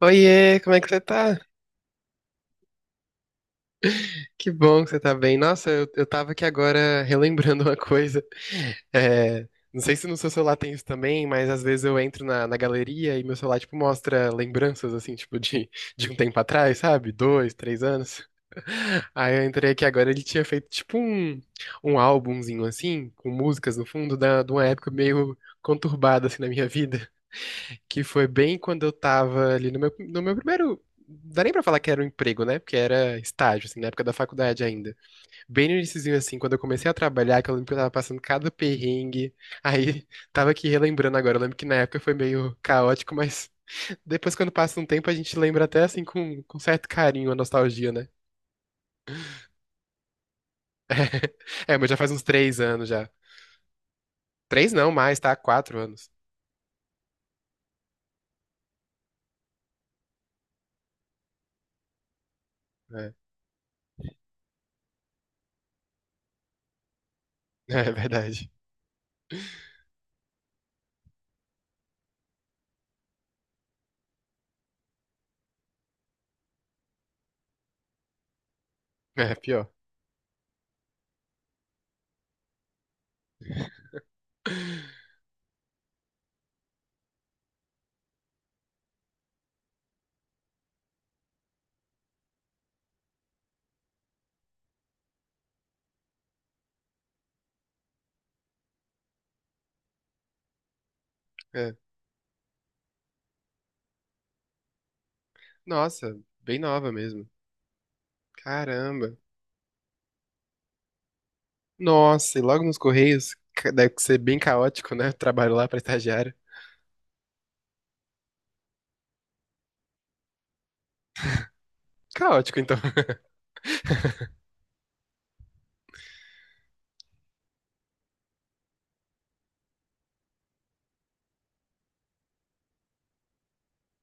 Oiê, como é que você tá? Que bom que você tá bem. Nossa, eu tava aqui agora relembrando uma coisa. É, não sei se no seu celular tem isso também, mas às vezes eu entro na galeria e meu celular, tipo, mostra lembranças, assim, tipo, de um tempo atrás, sabe? 2, 3 anos. Aí eu entrei aqui agora, ele tinha feito, tipo, um álbumzinho, assim, com músicas no fundo, de uma época meio conturbada, assim, na minha vida. Que foi bem quando eu tava ali no meu primeiro. Não dá nem pra falar que era um emprego, né? Porque era estágio, assim, na época da faculdade ainda. Bem no iniciozinho, assim, quando eu comecei a trabalhar, que eu lembro que eu tava passando cada perrengue. Aí, tava aqui relembrando agora. Eu lembro que na época foi meio caótico, mas depois, quando passa um tempo, a gente lembra até, assim, com certo carinho, a nostalgia, né? É, mas já faz uns 3 anos já. Três não, mais, tá? 4 anos. É, é verdade. É, pior. É. Nossa, bem nova mesmo. Caramba. Nossa, e logo nos Correios, deve ser bem caótico, né? Trabalho lá pra estagiário. Caótico, então.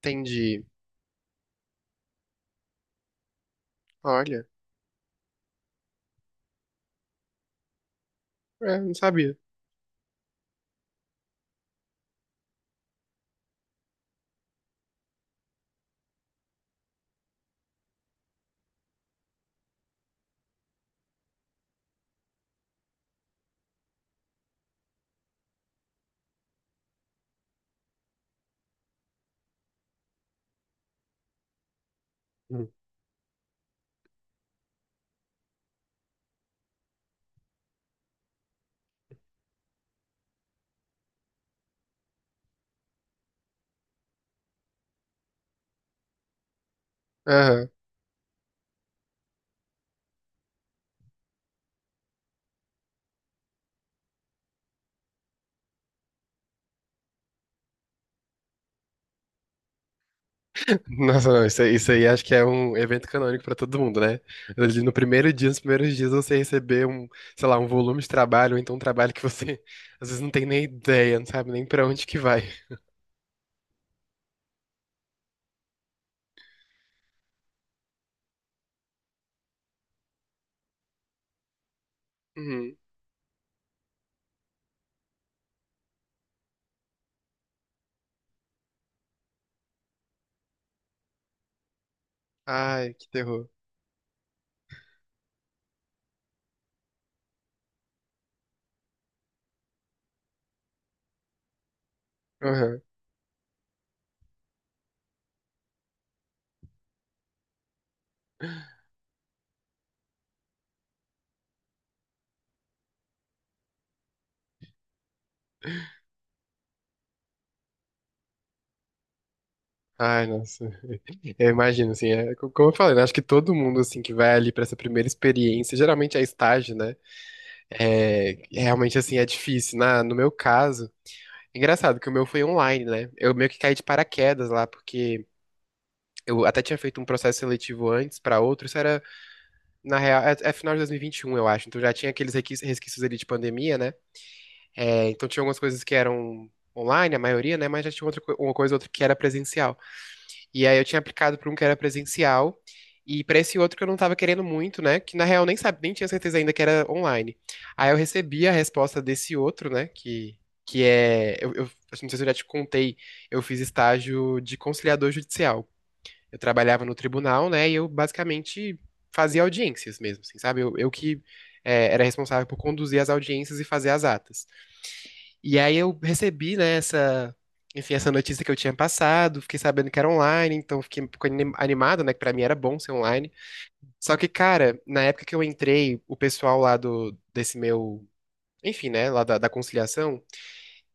Entendi. Olha, é, não sabia. Hum. Aham. Nossa, não, isso aí acho que é um evento canônico pra todo mundo, né? Ali no primeiro dia, nos primeiros dias, você receber sei lá, um volume de trabalho, ou então um trabalho que você às vezes não tem nem ideia, não sabe nem pra onde que vai. Uhum. Ai, que terror. Aham. Ai, nossa. Eu imagino, assim, como eu falei, né, acho que todo mundo, assim, que vai ali pra essa primeira experiência, geralmente é estágio, né, é, realmente, assim, é difícil. No meu caso, engraçado que o meu foi online, né, eu meio que caí de paraquedas lá, porque eu até tinha feito um processo seletivo antes pra outro, isso era, na real, é final de 2021, eu acho, então já tinha aqueles resquícios ali de pandemia, né, é, então tinha algumas coisas que eram online, a maioria, né, mas já tinha outra, uma coisa ou outra que era presencial. E aí eu tinha aplicado para um que era presencial e para esse outro que eu não estava querendo muito, né? Que na real nem sabe, nem tinha certeza ainda que era online. Aí eu recebi a resposta desse outro, né? Que é. Eu assim, não sei se eu já te contei, eu fiz estágio de conciliador judicial. Eu trabalhava no tribunal, né? E eu basicamente fazia audiências mesmo, assim, sabe? Eu era responsável por conduzir as audiências e fazer as atas. E aí eu recebi, né, essa, enfim, essa notícia que eu tinha passado, fiquei sabendo que era online, então fiquei um pouco animado, né, que pra mim era bom ser online. Só que, cara, na época que eu entrei, o pessoal lá desse meu, enfim, né, lá da conciliação,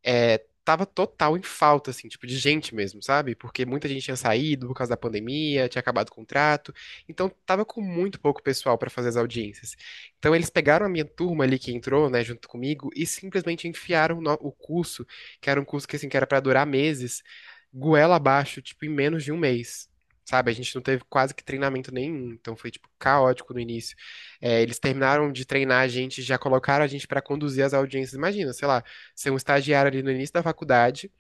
é, tava total em falta, assim, tipo, de gente mesmo, sabe? Porque muita gente tinha saído por causa da pandemia, tinha acabado o contrato, então tava com muito pouco pessoal pra fazer as audiências. Então eles pegaram a minha turma ali que entrou, né, junto comigo, e simplesmente enfiaram o curso, que era um curso que, assim, que era pra durar meses, goela abaixo, tipo, em menos de um mês. Sabe, a gente não teve quase que treinamento nenhum, então foi, tipo, caótico no início. É, eles terminaram de treinar a gente, já colocaram a gente pra conduzir as audiências. Imagina, sei lá, ser um estagiário ali no início da faculdade,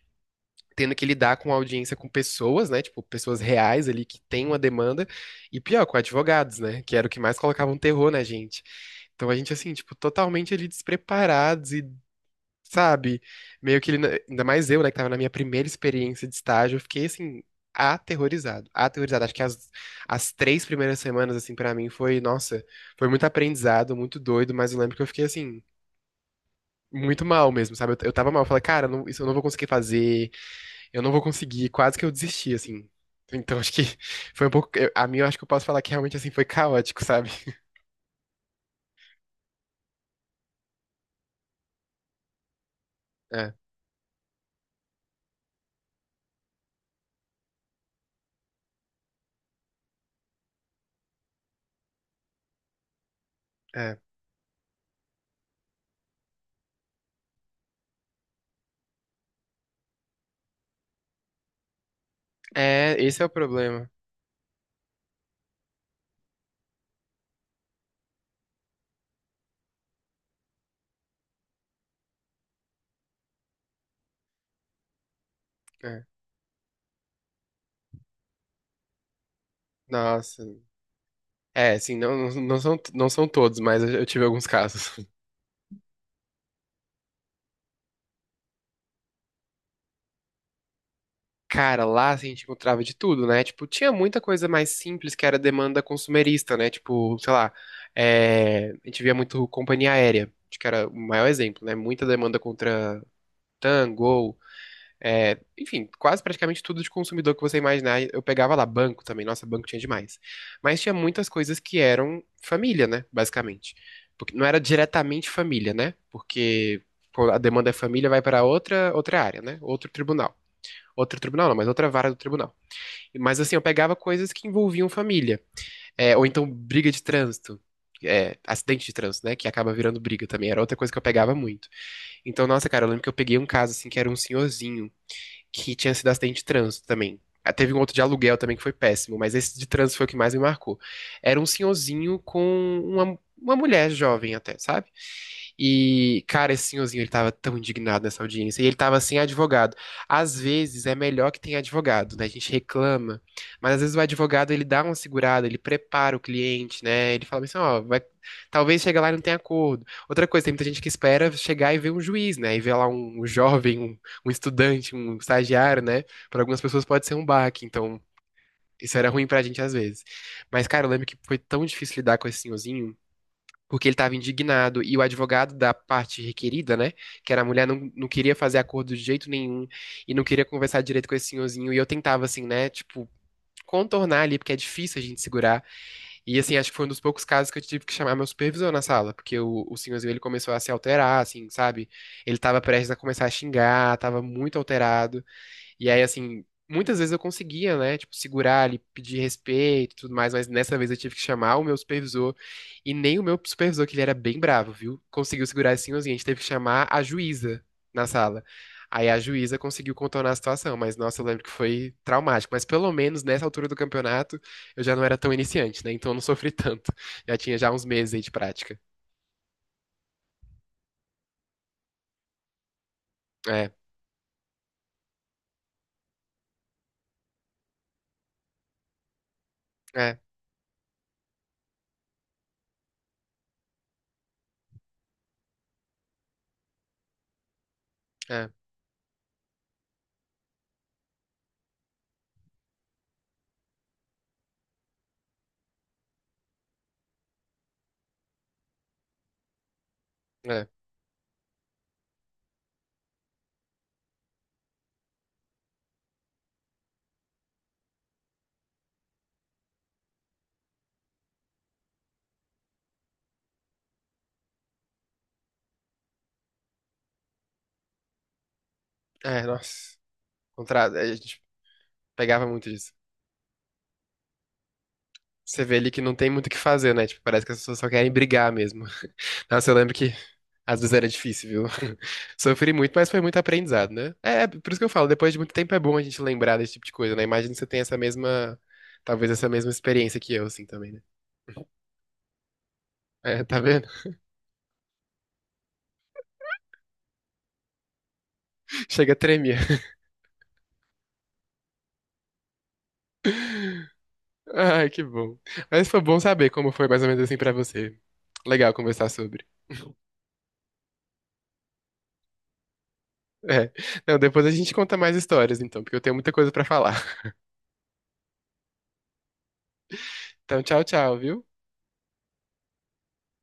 tendo que lidar com audiência com pessoas, né? Tipo, pessoas reais ali que têm uma demanda, e pior, com advogados, né? Que era o que mais colocava um terror na gente. Então a gente, assim, tipo, totalmente ali despreparados e, sabe, meio que ele, ainda mais eu, né, que tava na minha primeira experiência de estágio, eu fiquei, assim, aterrorizado, aterrorizado. Acho que as 3 primeiras semanas, assim, pra mim foi, nossa, foi muito aprendizado, muito doido, mas eu lembro que eu fiquei, assim, muito mal mesmo, sabe? Eu tava mal, eu falei, cara, isso eu não vou conseguir fazer, eu não vou conseguir, quase que eu desisti, assim. Então acho que foi um pouco, a mim, eu acho que eu posso falar que realmente assim foi caótico, sabe? É, é. É, esse é o problema. É. Nossa. É, assim, não, não são, não são todos, mas eu tive alguns casos. Cara, lá assim, a gente encontrava de tudo, né? Tipo, tinha muita coisa mais simples que era demanda consumerista, né? Tipo, sei lá, é, a gente via muito companhia aérea, acho que era o maior exemplo, né? Muita demanda contra Tango, é, enfim, quase praticamente tudo de consumidor que você imaginar. Eu pegava lá banco também, nossa, banco tinha demais. Mas tinha muitas coisas que eram família, né, basicamente. Porque não era diretamente família, né? Porque pô, a demanda é família, vai para outra área, né? Outro tribunal. Outro tribunal, não, mas outra vara do tribunal. Mas assim, eu pegava coisas que envolviam família. É, ou então briga de trânsito. É, acidente de trânsito, né? Que acaba virando briga também. Era outra coisa que eu pegava muito. Então, nossa, cara, eu lembro que eu peguei um caso assim que era um senhorzinho que tinha sido acidente de trânsito também. Ah, teve um outro de aluguel também que foi péssimo, mas esse de trânsito foi o que mais me marcou. Era um senhorzinho com uma mulher jovem até, sabe? E, cara, esse senhorzinho, ele tava tão indignado nessa audiência. E ele tava sem advogado. Às vezes é melhor que tenha advogado, né? A gente reclama. Mas às vezes o advogado, ele dá uma segurada, ele prepara o cliente, né? Ele fala assim, ó, vai. Talvez chegue lá e não tenha acordo. Outra coisa, tem muita gente que espera chegar e ver um juiz, né? E ver lá um jovem, um estudante, um estagiário, né? Para algumas pessoas pode ser um baque, então. Isso era ruim pra gente às vezes. Mas, cara, eu lembro que foi tão difícil lidar com esse senhorzinho porque ele estava indignado e o advogado da parte requerida, né, que era a mulher, não, não queria fazer acordo de jeito nenhum e não queria conversar direito com esse senhorzinho. E eu tentava, assim, né, tipo, contornar ali, porque é difícil a gente segurar. E, assim, acho que foi um dos poucos casos que eu tive que chamar meu supervisor na sala, porque o senhorzinho, ele começou a se alterar, assim, sabe? Ele estava prestes a começar a xingar, estava muito alterado. E aí, assim, muitas vezes eu conseguia, né? Tipo, segurar ali, pedir respeito e tudo mais, mas nessa vez eu tive que chamar o meu supervisor. E nem o meu supervisor, que ele era bem bravo, viu? Conseguiu segurar assim, a gente teve que chamar a juíza na sala. Aí a juíza conseguiu contornar a situação, mas nossa, eu lembro que foi traumático. Mas pelo menos nessa altura do campeonato eu já não era tão iniciante, né? Então eu não sofri tanto. Já tinha já uns meses aí de prática. É, é, é, é, é, nossa. Contra. A gente pegava muito disso. Você vê ali que não tem muito o que fazer, né? Tipo, parece que as pessoas só querem brigar mesmo. Nossa, eu lembro que às vezes era difícil, viu? Sofri muito, mas foi muito aprendizado, né? É, é por isso que eu falo, depois de muito tempo é bom a gente lembrar desse tipo de coisa, né? Imagina que você tem essa mesma, talvez essa mesma experiência que eu, assim, também, né? É, tá vendo? Chega a tremer. Ai, que bom. Mas foi bom saber como foi mais ou menos assim pra você. Legal conversar sobre. É. Não, depois a gente conta mais histórias, então, porque eu tenho muita coisa pra falar. Então, tchau, tchau, viu?